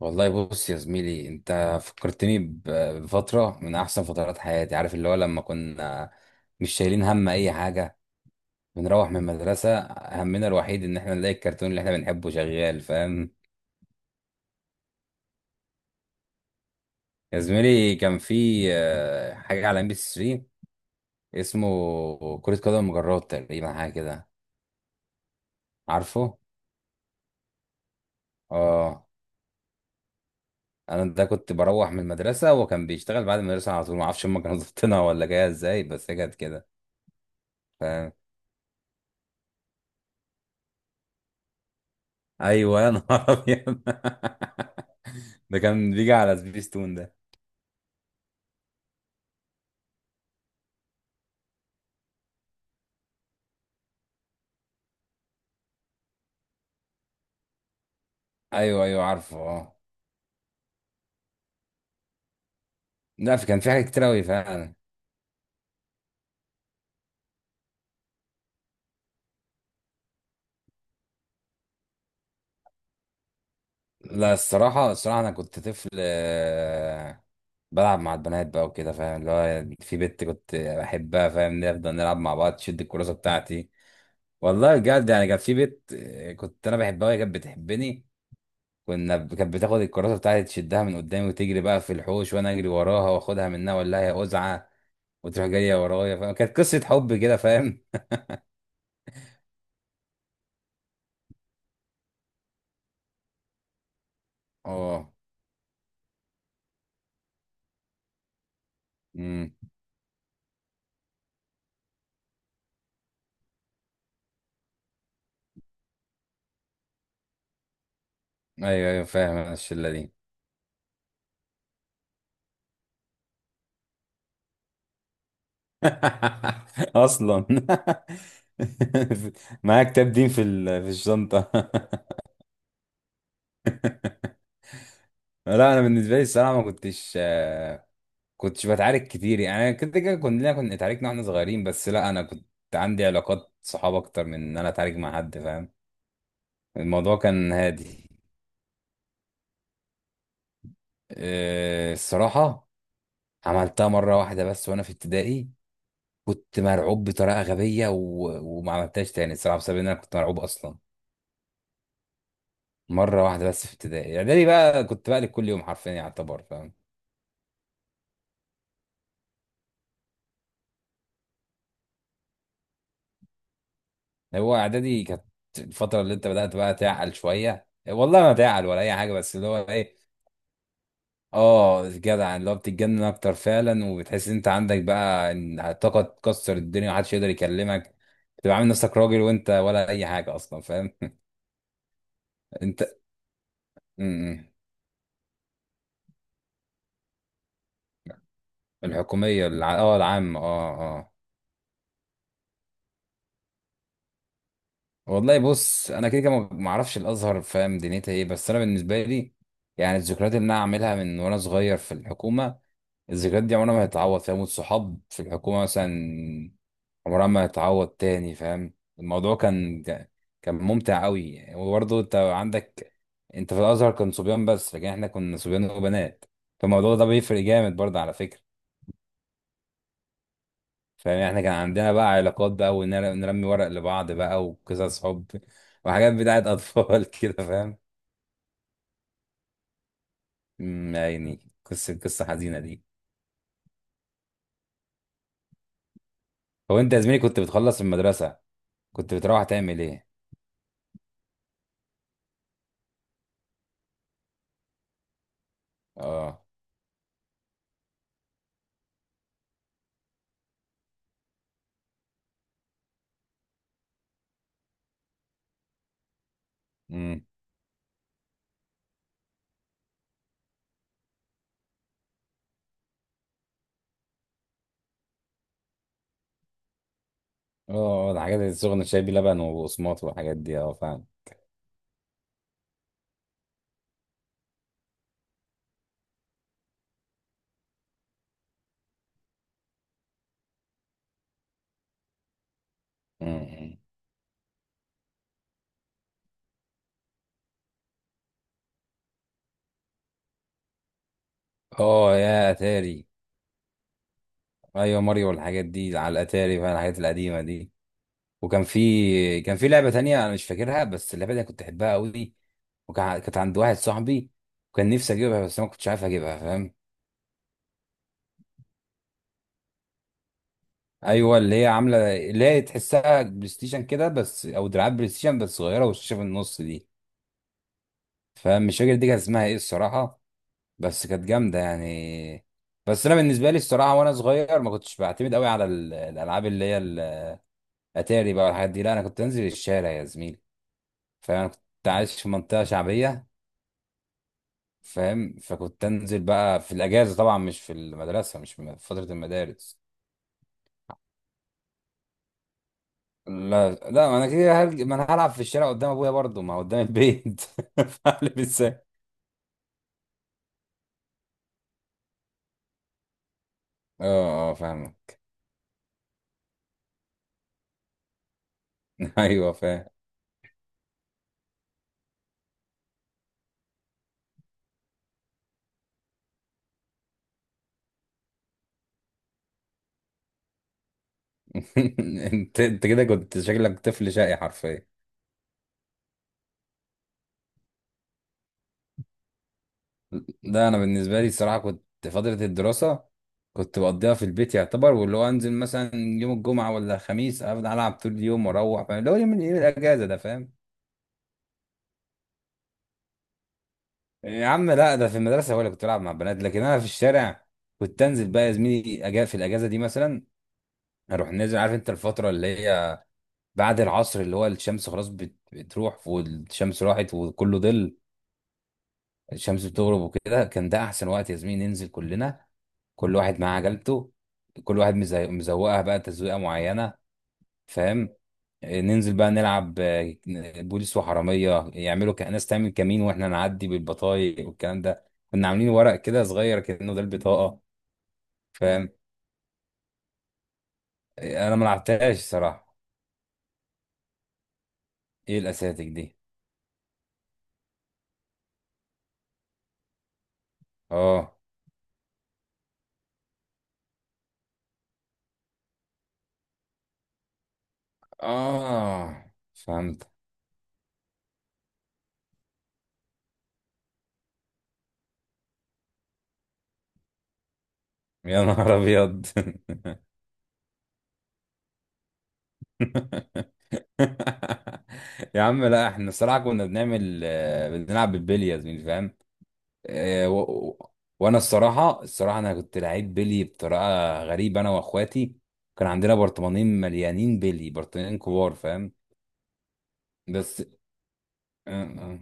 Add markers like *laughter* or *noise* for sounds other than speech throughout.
والله بص يا زميلي، انت فكرتني بفترة من احسن فترات حياتي. عارف اللي هو لما كنا مش شايلين هم اي حاجة، بنروح من المدرسة همنا الوحيد ان احنا نلاقي الكرتون اللي احنا بنحبه شغال؟ فاهم يا زميلي، كان في حاجة على ام بي 3 اسمه كرة قدم مجرات، تقريبا حاجة كده. عارفه؟ اه، انا ده كنت بروح من المدرسة وكان بيشتغل بعد المدرسة على طول. ما اعرفش هم كانوا *laughs* ظابطينها ولا جاية ازاي، بس هي كانت كده. ايوه يا نهار ابيض، *laughs* ده كان بيجي على سبيستون ده. ايوه ايوه عارفه اه. لا كان في حاجات كتير قوي فعلا. لا الصراحه الصراحه انا كنت طفل، بلعب مع البنات بقى وكده. فاهم اللي هو في بنت كنت بحبها؟ فاهم، نفضل نلعب مع بعض، تشد الكراسه بتاعتي. والله بجد يعني كان في بنت كنت انا بحبها وهي كانت بتحبني. كانت بتاخد الكراسه بتاعتي تشدها من قدامي وتجري بقى في الحوش، وانا اجري وراها واخدها منها، ولا هي قزعه وتروح جايه ورايا. فاهم، كانت قصه حب كده؟ فاهم. اه. امم. ايوه ايوه فاهم، أنا الشله دي. *laughs* اصلا *laughs* معايا كتاب دين في في الشنطه. *laughs* لا انا بالنسبه لي الصراحه ما كنتش، كنتش بتعارك كتير يعني. انا كنت كده، كنا اتعاركنا واحنا صغيرين، بس لا انا كنت عندي علاقات صحاب اكتر من ان انا اتعارك مع حد. فاهم، الموضوع كان هادي. الصراحه عملتها مره واحده بس وانا في ابتدائي. كنت مرعوب بطريقه غبيه وما عملتهاش تاني الصراحه، بسبب ان انا كنت مرعوب اصلا. مره واحده بس في ابتدائي. اعدادي بقى كنت بقلب كل يوم حرفيا يعتبر. فاهم، هو اعدادي كانت الفتره اللي انت بدات بقى تعقل شويه. والله ما تعقل ولا اي حاجه، بس اللي هو ايه، اه جدع، اللي هو بتتجنن اكتر فعلا. وبتحس ان انت عندك بقى إن طاقه تكسر الدنيا، محدش يقدر يكلمك. بتبقى عامل نفسك راجل وانت ولا اي حاجه اصلا، فاهم؟ *laughs* انت م- م. الحكوميه اه، العامه، اه اه. والله بص، انا كده كده ما اعرفش الازهر فاهم دنيتها ايه، بس انا بالنسبه لي يعني الذكريات اللي انا عاملها من وانا صغير في الحكومه، الذكريات دي عمرها ما هتتعوض. فاهم، والصحاب في الحكومه مثلا عمرها ما هتتعوض تاني. فاهم، الموضوع كان كان ممتع قوي. وبرضه انت عندك، انت في الازهر كان صبيان بس، لكن احنا كنا صبيان وبنات، فالموضوع ده بيفرق جامد برضه على فكره. فاهم، احنا كان عندنا بقى علاقات بقى، ونرمي ورق لبعض بقى، وقصص حب وحاجات بتاعت اطفال *laughs* كده. فاهم، أمم، يا عيني، قصه قصه حزينه دي. هو انت يا زميلي كنت بتخلص المدرسه كنت بتروح تعمل ايه؟ اه. امم. اه، الحاجات اللي السخنه شاي بلبن وبقسماط والحاجات دي، اه فاهم. أمم. امم. اه يا اتاري. ايوه ماريو والحاجات دي على الاتاري بقى، الحاجات القديمه دي. وكان في كان في لعبه تانية انا مش فاكرها، بس اللعبه دي أنا كنت احبها قوي. وكان كانت عند واحد صاحبي، وكان نفسي اجيبها بس أنا ما كنتش عارف اجيبها، فاهم. ايوه اللي هي عامله اللي هي تحسها بلاي ستيشن كده، بس او دراعات بلاي ستيشن بس صغيره، والشاشه في النص دي. فمش فاكر دي كانت اسمها ايه الصراحه، بس كانت جامده يعني. بس انا بالنسبه لي الصراحه وانا صغير ما كنتش بعتمد قوي على الالعاب اللي هي الاتاري بقى والحاجات دي. لا انا كنت انزل الشارع يا زميلي. فانا كنت عايش في منطقه شعبيه، فاهم. فكنت انزل بقى في الاجازه طبعا، مش في المدرسه مش في فتره المدارس. لا لا، ما انا كده ما انا هلعب في الشارع قدام ابويا برضه، ما هو قدام البيت، *laughs* فاعمل ازاي. اه اه فاهمك. *laughs* ايوه فاهم. *laughs* انت انت كده كنت شكلك طفل شقي حرفيا. لا انا بالنسبه لي الصراحه كنت فتره الدراسه كنت بقضيها في البيت يعتبر، واللي هو انزل مثلا يوم الجمعه ولا الخميس، افضل العب طول اليوم واروح. فاهم، اللي هو يوم يوم الاجازه ده؟ فاهم، يا عم لا ده في المدرسه هو اللي كنت بلعب مع البنات، لكن انا في الشارع كنت انزل بقى يا زميلي أجا في الاجازه دي مثلا. اروح نازل، عارف انت الفتره اللي هي بعد العصر، اللي هو الشمس خلاص بتروح، والشمس راحت وكله ظل. الشمس بتغرب وكده، كان ده احسن وقت يا زميلي، ننزل كلنا، كل واحد معاه عجلته، كل واحد مزوقها بقى تزويقه معينه، فاهم. ننزل بقى نلعب، بوليس وحراميه، يعملوا ناس تعمل كمين واحنا نعدي بالبطايق والكلام ده. كنا عاملين ورق كده صغير كأنه ده البطاقه. فاهم، انا ما لعبتهاش صراحه. ايه الاساتك دي؟ اه اه فهمت. يا نهار ابيض. *laughs* يا عم لا احنا الصراحه كنا بنعمل، بنلعب بالبلياز، فاهم. آه، و... و- وانا الصراحه الصراحه انا كنت لعيب بيلي بطريقه غريبه، انا واخواتي كان عندنا برطمانين مليانين بيلي، برطمانين كبار، فاهم. بس اه.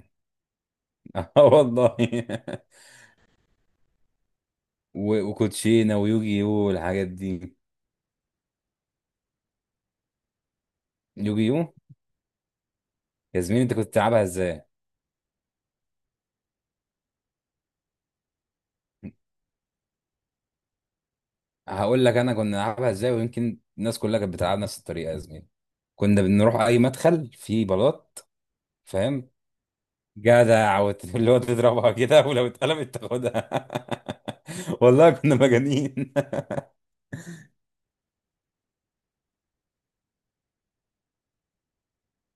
*laughs* والله. *laughs* وكوتشينه ويوجي يو والحاجات دي. يوجي يو، يا زميلي انت كنت بتلعبها ازاي؟ هقول لك انا كنا بنلعبها ازاي، ويمكن الناس كلها كانت بتلعب نفس الطريقه يا زميلي. كنا بنروح اي مدخل فيه بلاط، فاهم. جدع، *laughs* اللي هو تضربها كده، ولو اتقلبت تاخدها. *laughs* والله كنا مجانين. *laughs*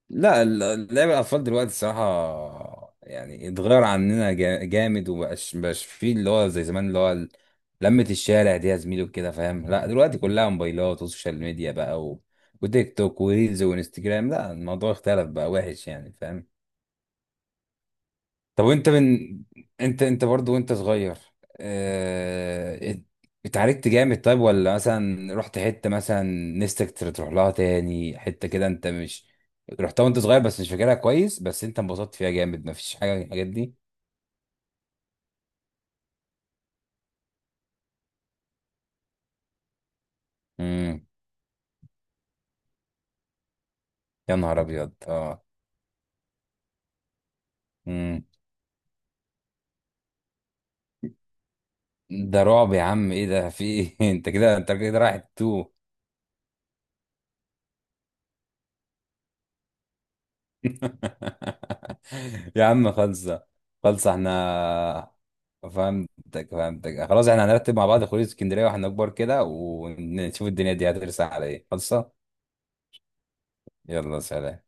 لا لعب الاطفال دلوقتي الصراحه يعني اتغير عننا جامد، ومبقاش مبقاش فيه اللي هو زي زمان، اللي هو لمة الشارع دي يا زميلي وكده. فاهم، لا دلوقتي كلها موبايلات وسوشيال ميديا بقى وتيك توك وريلز وانستجرام. لا الموضوع اختلف بقى وحش يعني، فاهم. طب وانت انت انت برضو وانت صغير، اه... ات- اتعاركت جامد طيب؟ ولا مثلا رحت حتة مثلا نفسك تروح لها تاني، حتة كده انت مش رحتها وانت صغير بس مش فاكرها كويس، بس انت انبسطت فيها جامد، مفيش حاجة من الحاجات دي؟ امم. يا نهار ابيض اه. امم. ده رعب يا عم، ايه ده، في ايه؟ *laughs* انت كده انت كده رايح تو. *laughs* يا عم خلصة. خلصة احنا، فهمتك فهمتك خلاص، احنا هنرتب مع بعض خروج اسكندرية واحنا كبار كده، ونشوف الدنيا دي هترسى على ايه. خلصة. يلا سلام.